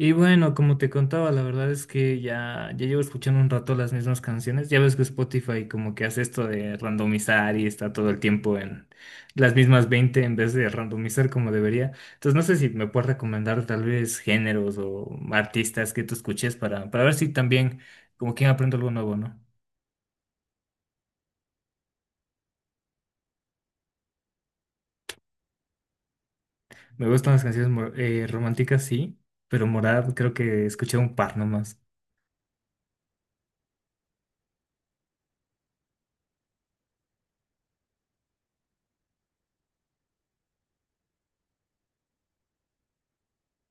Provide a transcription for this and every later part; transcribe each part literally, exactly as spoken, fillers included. Y bueno, como te contaba, la verdad es que ya, ya llevo escuchando un rato las mismas canciones. Ya ves que Spotify como que hace esto de randomizar y está todo el tiempo en las mismas veinte en vez de randomizar como debería. Entonces no sé si me puedes recomendar tal vez géneros o artistas que tú escuches para, para ver si también como que aprendo algo nuevo, ¿no? Me gustan las canciones mo- eh, románticas, sí, pero Morad creo que escuché un par nomás.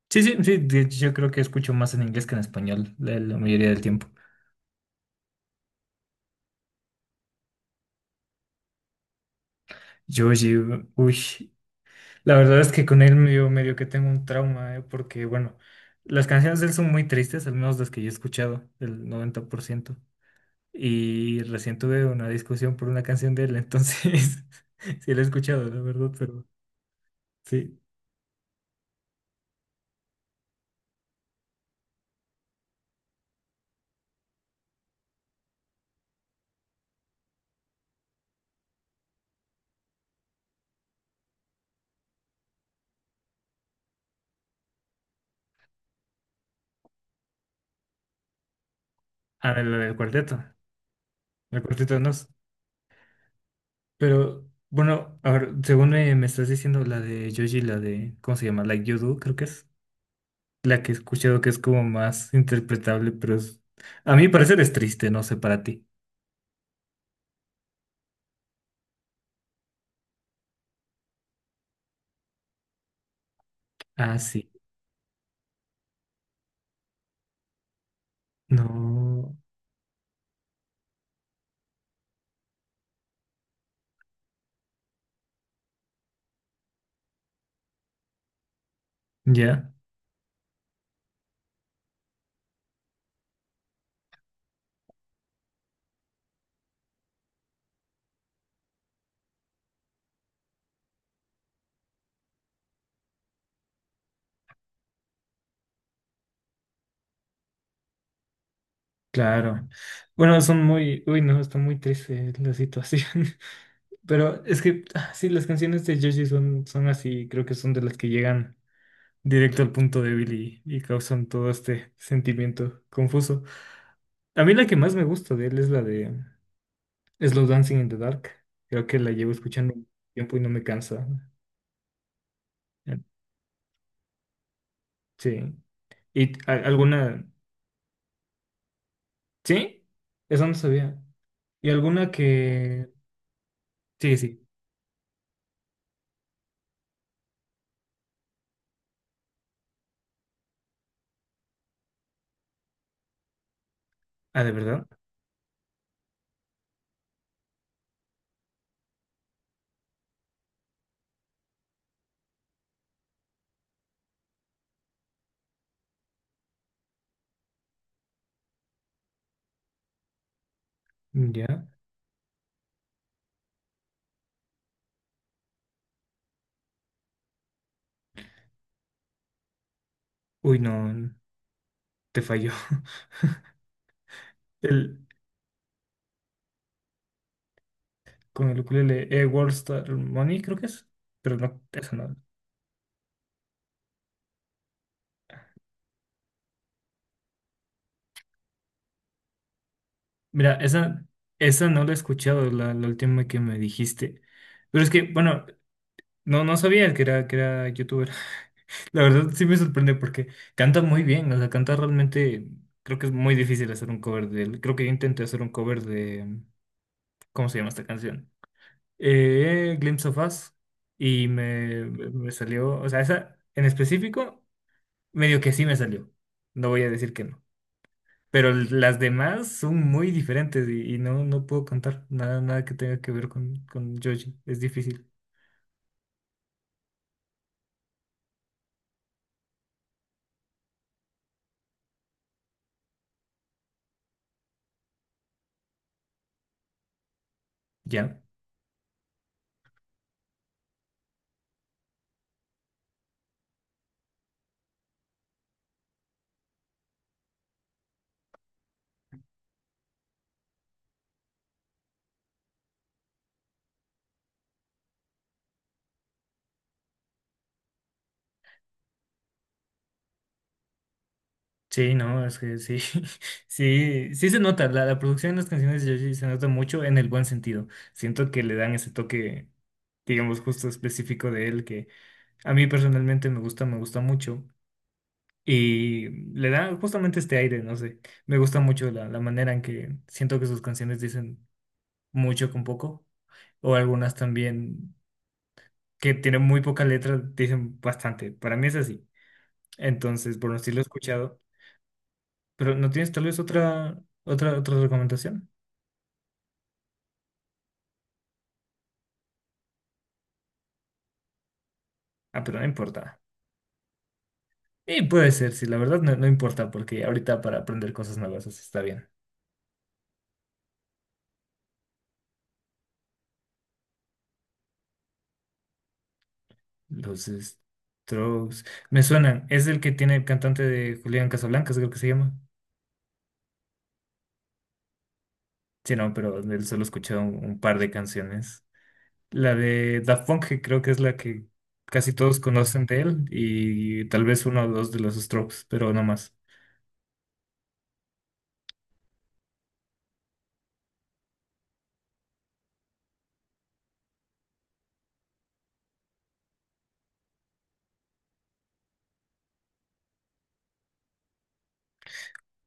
Sí, sí, sí, de hecho, yo creo que escucho más en inglés que en español la la mayoría del tiempo. Yoshi, uy, la verdad es que con él medio, medio que tengo un trauma, eh, porque bueno, las canciones de él son muy tristes, al menos las que yo he escuchado, el noventa por ciento. Y recién tuve una discusión por una canción de él, entonces sí la he escuchado, la verdad, pero sí, a ver, la del cuarteto, el cuarteto de Nos, pero bueno, a ver, según me, me estás diciendo, la de Yoshi, la de, ¿cómo se llama? Like You Do, creo que es la que he escuchado que es como más interpretable, pero es, a mí parecer es triste, no sé para ti. Ah, sí. No. Ya, claro. Bueno, son muy. Uy, no, está muy triste la situación. Pero es que ah, sí, las canciones de Joji son, son así. Creo que son de las que llegan directo al punto débil y, y causan todo este sentimiento confuso. A mí la que más me gusta de él es la de Slow Dancing in the Dark. Creo que la llevo escuchando un tiempo y no me cansa. Eh, Sí. ¿Y a- alguna? ¿Sí? Eso no sabía. ¿Y alguna que... Sí, sí. Ah, ¿de verdad? Mm, ya. Uy, no, te falló. El, con el ukulele, eh, World Star Money, creo que es. Pero no, esa no. Mira, esa, esa no la he escuchado, la, la última que me dijiste. Pero es que, bueno, no, no sabía que era, que era youtuber. La verdad sí me sorprende porque canta muy bien. O sea, canta realmente. Creo que es muy difícil hacer un cover de él. Creo que yo intenté hacer un cover de. ¿Cómo se llama esta canción? eh, Glimpse of Us y me, me salió, o sea, esa en específico, medio que sí me salió. No voy a decir que no. Pero l- las demás son muy diferentes y, y no, no puedo contar nada, nada que tenga que ver con, con Joji. Es difícil. ¿Ya? Sí, no, es que sí. Sí, sí se nota. La, la producción de las canciones de Joji se nota mucho en el buen sentido. Siento que le dan ese toque, digamos, justo específico de él que a mí personalmente me gusta, me gusta mucho. Y le da justamente este aire, no sé. Me gusta mucho la, la manera en que siento que sus canciones dicen mucho con poco. O algunas también que tienen muy poca letra, dicen bastante. Para mí es así. Entonces, bueno, sí lo he escuchado. Pero ¿no tienes tal vez otra, otra, otra recomendación? Ah, pero no importa. Y puede ser, sí, la verdad no, no importa, porque ahorita para aprender cosas nuevas así está bien. Los Strokes me suenan. Es el que tiene el cantante de Julián Casablancas, creo que se llama. Sí, no, pero de él solo he escuchado un, un par de canciones. La de Daft Punk, que creo que es la que casi todos conocen de él, y tal vez uno o dos de los Strokes, pero no más.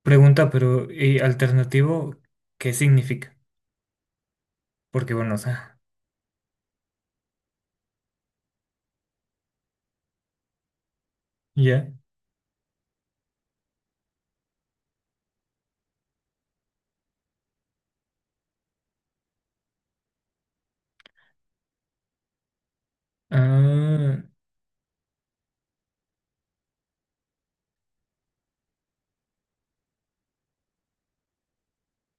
Pregunta, pero ¿y alternativo qué significa? Porque bueno, o sea, ya. Ah,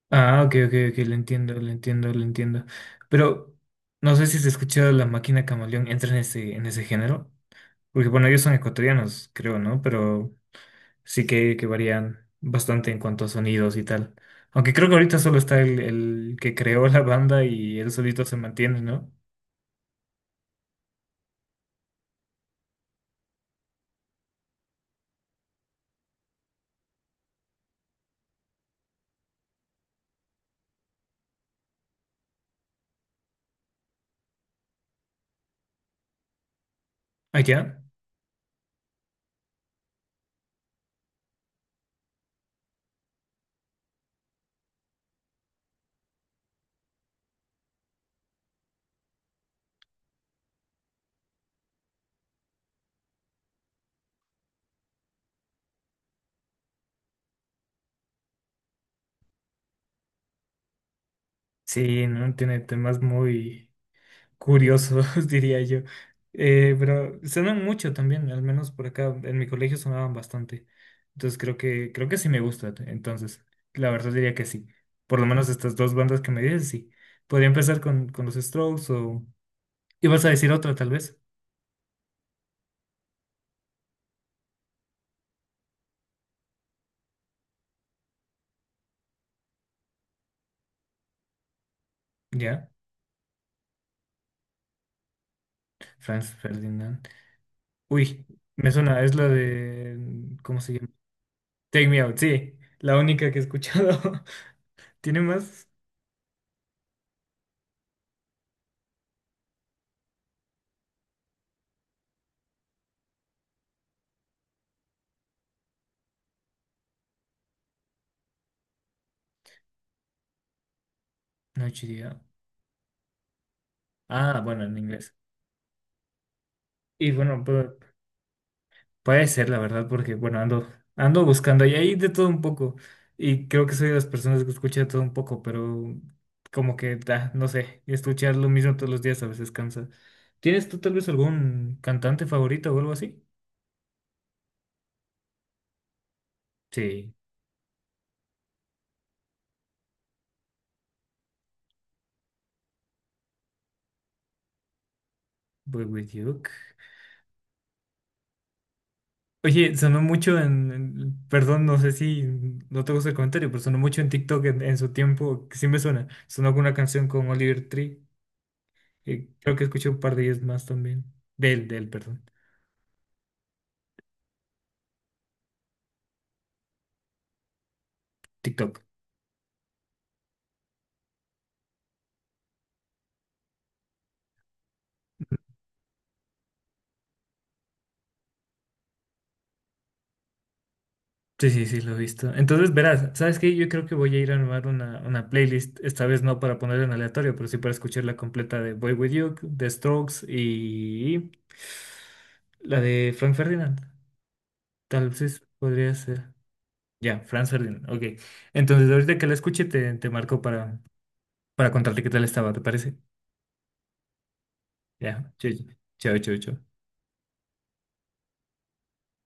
ah, ok, ok, ok, lo entiendo, lo entiendo, lo entiendo. Pero no sé si has escuchado La Máquina Camaleón, entra en ese, en ese género. Porque bueno, ellos son ecuatorianos, creo, ¿no? Pero sí que, que varían bastante en cuanto a sonidos y tal. Aunque creo que ahorita solo está el, el que creó la banda y él solito se mantiene, ¿no? Allá. Sí, ¿no? Tiene temas muy curiosos, diría yo. Eh, pero sonan mucho también, al menos por acá. En mi colegio sonaban bastante. Entonces creo que, creo que sí me gusta. Entonces, la verdad diría que sí. Por lo menos estas dos bandas que me dices, sí. Podría empezar con, con los Strokes o... ¿Ibas a decir otra, tal vez? ¿Ya? Franz Ferdinand. Uy, me suena, es la de, ¿cómo se llama? Take Me Out, sí, la única que he escuchado. ¿Tiene más? Noche y día. Ah, bueno, en inglés. Y bueno, pu- puede ser, la verdad, porque bueno, ando, ando buscando y hay de todo un poco. Y creo que soy de las personas que escucha de todo un poco, pero como que da, no sé, escuchar lo mismo todos los días a veces cansa. ¿Tienes tú tal vez algún cantante favorito o algo así? Sí, Boy With You. Oye, sonó mucho en, en- perdón, no sé si no te gusta el comentario, pero sonó mucho en TikTok en, en su tiempo, que sí me suena. Sonó con una canción con Oliver Tree. Eh, creo que escuché un par de ellos más también. De él, de él, perdón. TikTok. Sí, sí, sí, lo he visto. Entonces, verás, ¿sabes qué? Yo creo que voy a ir a armar una, una playlist, esta vez no para ponerla en aleatorio, pero sí para escuchar la completa de Boy With You, de Strokes y la de Frank Ferdinand. Tal vez podría ser. Ya, Franz Ferdinand, ok. Entonces, ahorita que la escuche, te, te marco para, para contarte qué tal estaba, ¿te parece? Ya, chao, chao, chao. Chao.